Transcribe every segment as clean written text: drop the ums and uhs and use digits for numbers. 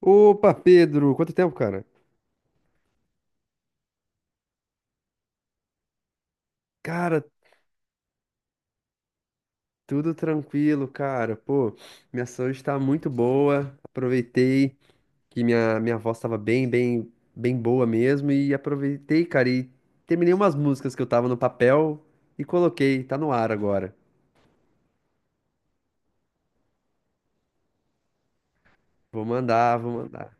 Opa, Pedro, quanto tempo, cara? Cara, tudo tranquilo, cara. Pô, minha saúde tá muito boa. Aproveitei que minha voz tava bem boa mesmo. E aproveitei, cara, e terminei umas músicas que eu tava no papel e coloquei. Tá no ar agora. Vou mandar.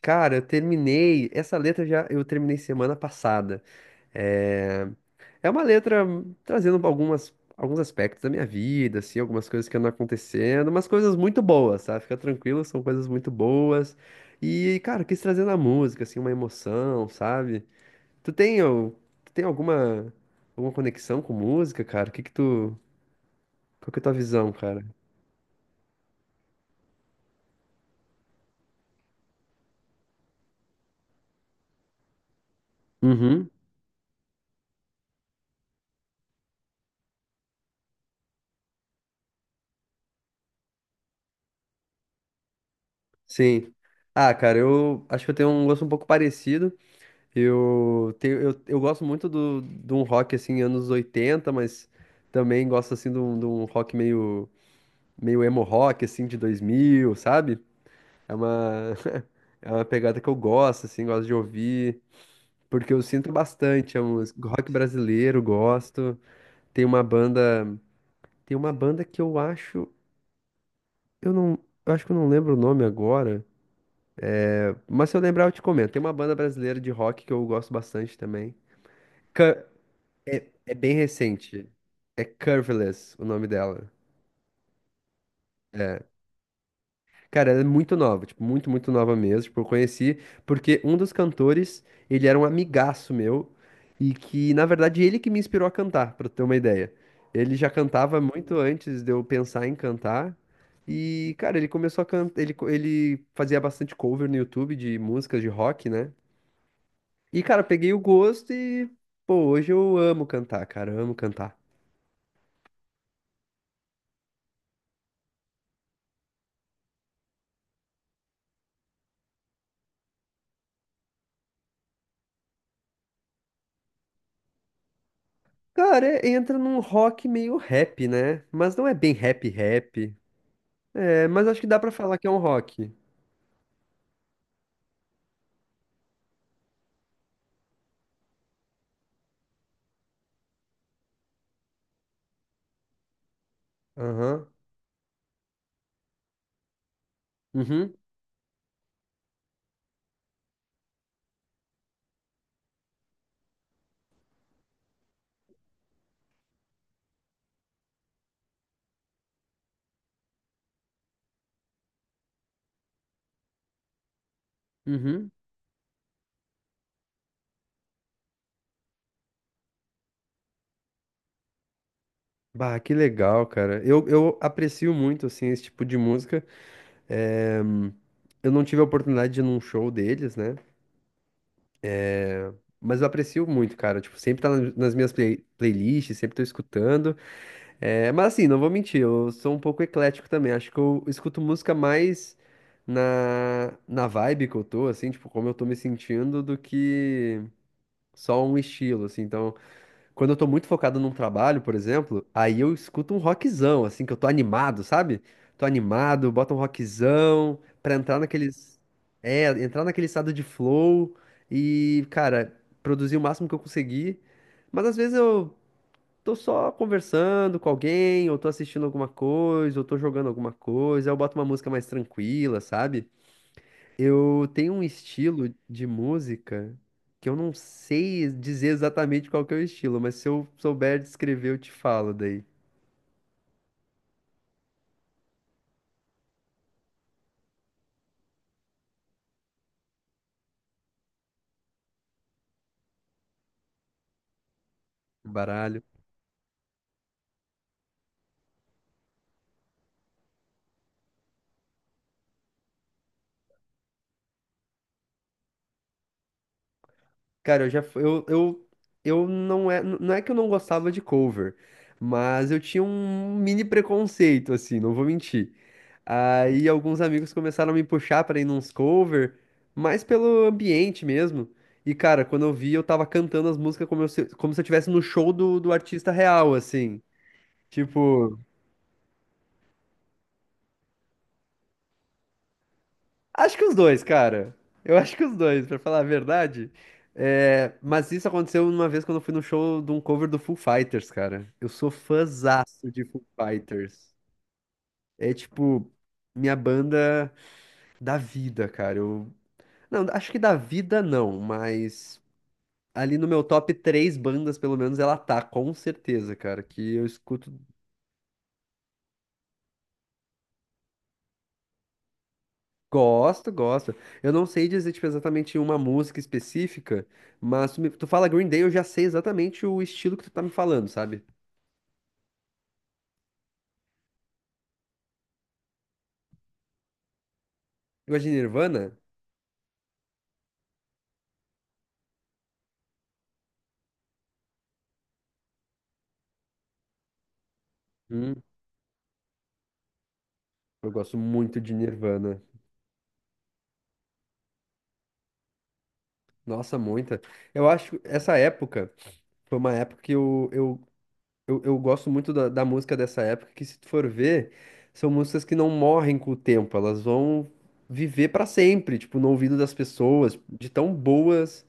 Cara, eu terminei. Essa letra já eu terminei semana passada. É, é uma letra trazendo alguns aspectos da minha vida, assim, algumas coisas que andam acontecendo, umas coisas muito boas, sabe? Fica tranquilo, são coisas muito boas. E, cara, eu quis trazer na música, assim, uma emoção, sabe? Tu tem, al- tu tem alguma conexão com música, cara? O que que tu, qual que é a tua visão, cara? Uhum, sim. Ah, cara, eu acho que eu tenho um gosto um pouco parecido. Eu gosto muito de um rock assim, anos 80, mas também gosto assim de um rock meio emo rock assim de 2000, sabe? É uma, é uma pegada que eu gosto assim, gosto de ouvir, porque eu sinto bastante a música. Rock brasileiro, gosto. Tem uma banda, tem uma banda que eu eu não, acho que eu não lembro o nome agora, mas se eu lembrar eu te comento. Tem uma banda brasileira de rock que eu gosto bastante também. É bem recente. É Curveless o nome dela. Cara, ela é muito nova, tipo, muito nova mesmo. Tipo, eu conheci porque um dos cantores, ele era um amigaço meu e que, na verdade, ele que me inspirou a cantar, pra ter uma ideia. Ele já cantava muito antes de eu pensar em cantar. E, cara, ele começou a cantar, ele, co- ele fazia bastante cover no YouTube de músicas de rock, né? E, cara, eu peguei o gosto e, pô, hoje eu amo cantar, cara, eu amo cantar. Cara, é- entra num rock meio rap, né? Mas não é bem rap rap. É, mas acho que dá pra falar que é um rock. Aham. Uhum. Uhum. Bah, que legal, cara. Eu aprecio muito, assim, esse tipo de música. É, eu não tive a oportunidade de ir num show deles, né? Mas eu aprecio muito, cara. Tipo, sempre tá nas minhas playlists, sempre tô escutando. É, mas assim, não vou mentir, eu sou um pouco eclético também. Acho que eu escuto música mais na vibe que eu tô, assim, tipo, como eu tô me sentindo, do que só um estilo, assim. Então, quando eu tô muito focado num trabalho, por exemplo, aí eu escuto um rockzão, assim, que eu tô animado, sabe? Tô animado, bota um rockzão pra entrar naqueles. É, entrar naquele estado de flow e, cara, produzir o máximo que eu conseguir. Mas às vezes eu. Tô só conversando com alguém, ou tô assistindo alguma coisa, ou tô jogando alguma coisa, aí eu boto uma música mais tranquila, sabe? Eu tenho um estilo de música que eu não sei dizer exatamente qual que é o estilo, mas se eu souber descrever, eu te falo daí. Baralho. Cara, eu já fu- eu não é que eu não gostava de cover, mas eu tinha um mini preconceito assim, não vou mentir. Aí alguns amigos começaram a me puxar pra ir nos cover, mais pelo ambiente mesmo. E cara, quando eu vi, eu tava cantando as músicas como se eu estivesse no show do artista real, assim. Tipo, acho que os dois, cara. Eu acho que os dois, pra falar a verdade. É, mas isso aconteceu uma vez quando eu fui no show de um cover do Foo Fighters, cara. Eu sou fãzaço de Foo Fighters. É tipo, minha banda da vida, cara. Eu... Não, acho que da vida não, mas ali no meu top três bandas, pelo menos, ela tá, com certeza, cara. Que eu escuto. Gosto, gosto. Eu não sei dizer, tipo, exatamente uma música específica, mas tu fala Green Day, eu já sei exatamente o estilo que tu tá me falando, sabe? Tu gosta de Nirvana? Hum, eu gosto muito de Nirvana. Nossa, muita. Eu acho que essa época foi uma época que eu gosto muito da música dessa época, que se tu for ver, são músicas que não morrem com o tempo, elas vão viver pra sempre, tipo, no ouvido das pessoas, de tão boas.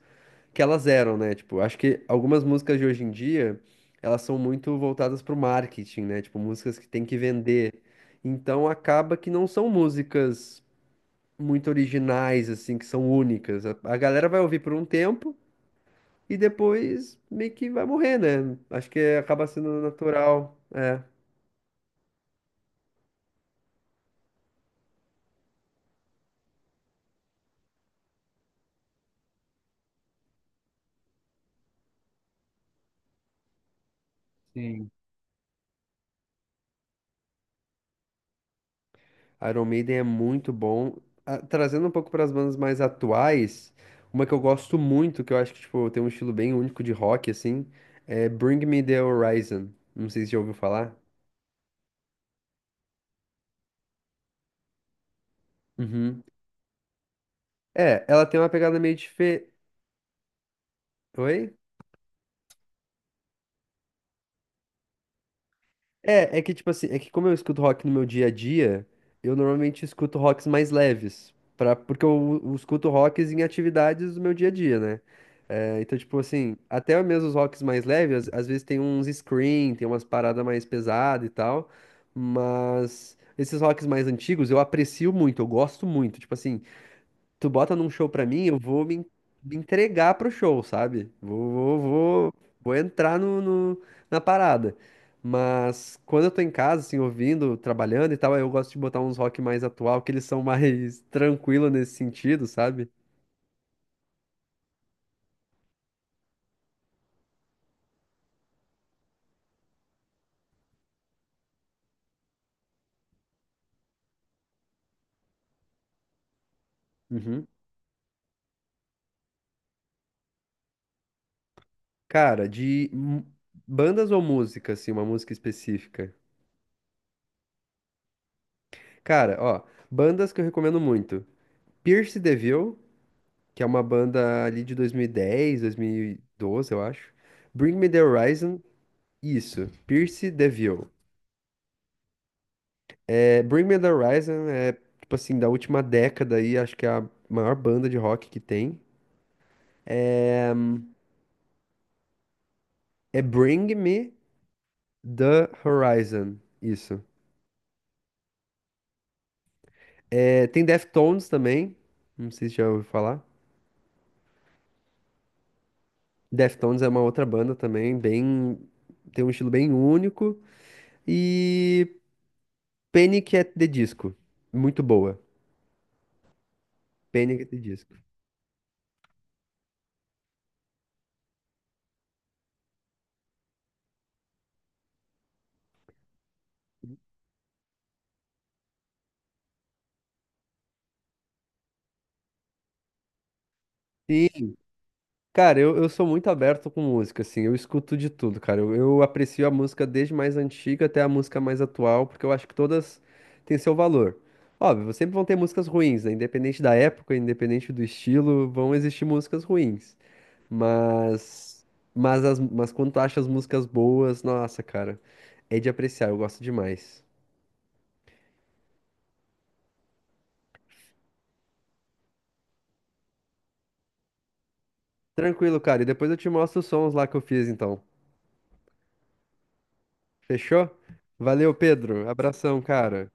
Que elas eram, né? Tipo, acho que algumas músicas de hoje em dia, elas são muito voltadas pro marketing, né? Tipo, músicas que tem que vender. Então acaba que não são músicas muito originais, assim, que são únicas. A galera vai ouvir por um tempo e depois meio que vai morrer, né? Acho que acaba sendo natural. É. Iron Maiden é muito bom. Ah, trazendo um pouco para as bandas mais atuais, uma que eu gosto muito, que eu acho que tipo, tem um estilo bem único de rock, assim, é Bring Me the Horizon. Não sei se já ouviu falar. Uhum. É, ela tem uma pegada meio diferente. Oi? É, é que tipo assim, é que como eu escuto rock no meu dia a dia, eu normalmente escuto rocks mais leves, pra, porque eu escuto rocks em atividades do meu dia a dia, né? É, então, tipo assim, até mesmo os rocks mais leves, às vezes tem uns scream, tem umas paradas mais pesadas e tal, mas esses rocks mais antigos eu aprecio muito, eu gosto muito. Tipo assim, tu bota num show pra mim, eu vou me, en- me entregar pro show, sabe? Vou entrar na parada. Mas quando eu tô em casa, assim, ouvindo, trabalhando e tal, aí eu gosto de botar uns rock mais atual, que eles são mais tranquilos nesse sentido, sabe? Uhum. Cara, bandas ou música, assim, uma música específica? Cara, ó, bandas que eu recomendo muito. Pierce the Veil, que é uma banda ali de 2010, 2012, eu acho. Bring Me the Horizon. Isso, Pierce DeVille. É, Bring Me the Horizon é, tipo assim, da última década aí, acho que é a maior banda de rock que tem. É, é Bring Me the Horizon, isso. É, tem Deftones também, não sei se já ouviu falar. Deftones é uma outra banda também, bem, tem um estilo bem único. E Panic! At the Disco, muito boa. Panic! At the Disco. Cara, eu sou muito aberto com música, assim, eu escuto de tudo, cara. Eu aprecio a música desde mais antiga até a música mais atual, porque eu acho que todas têm seu valor. Óbvio, sempre vão ter músicas ruins, né? Independente da época, independente do estilo, vão existir músicas ruins. Mas, mas quando tu acha as músicas boas, nossa, cara, é de apreciar, eu gosto demais. Tranquilo, cara, e depois eu te mostro os sons lá que eu fiz, então. Fechou? Valeu, Pedro. Abração, cara.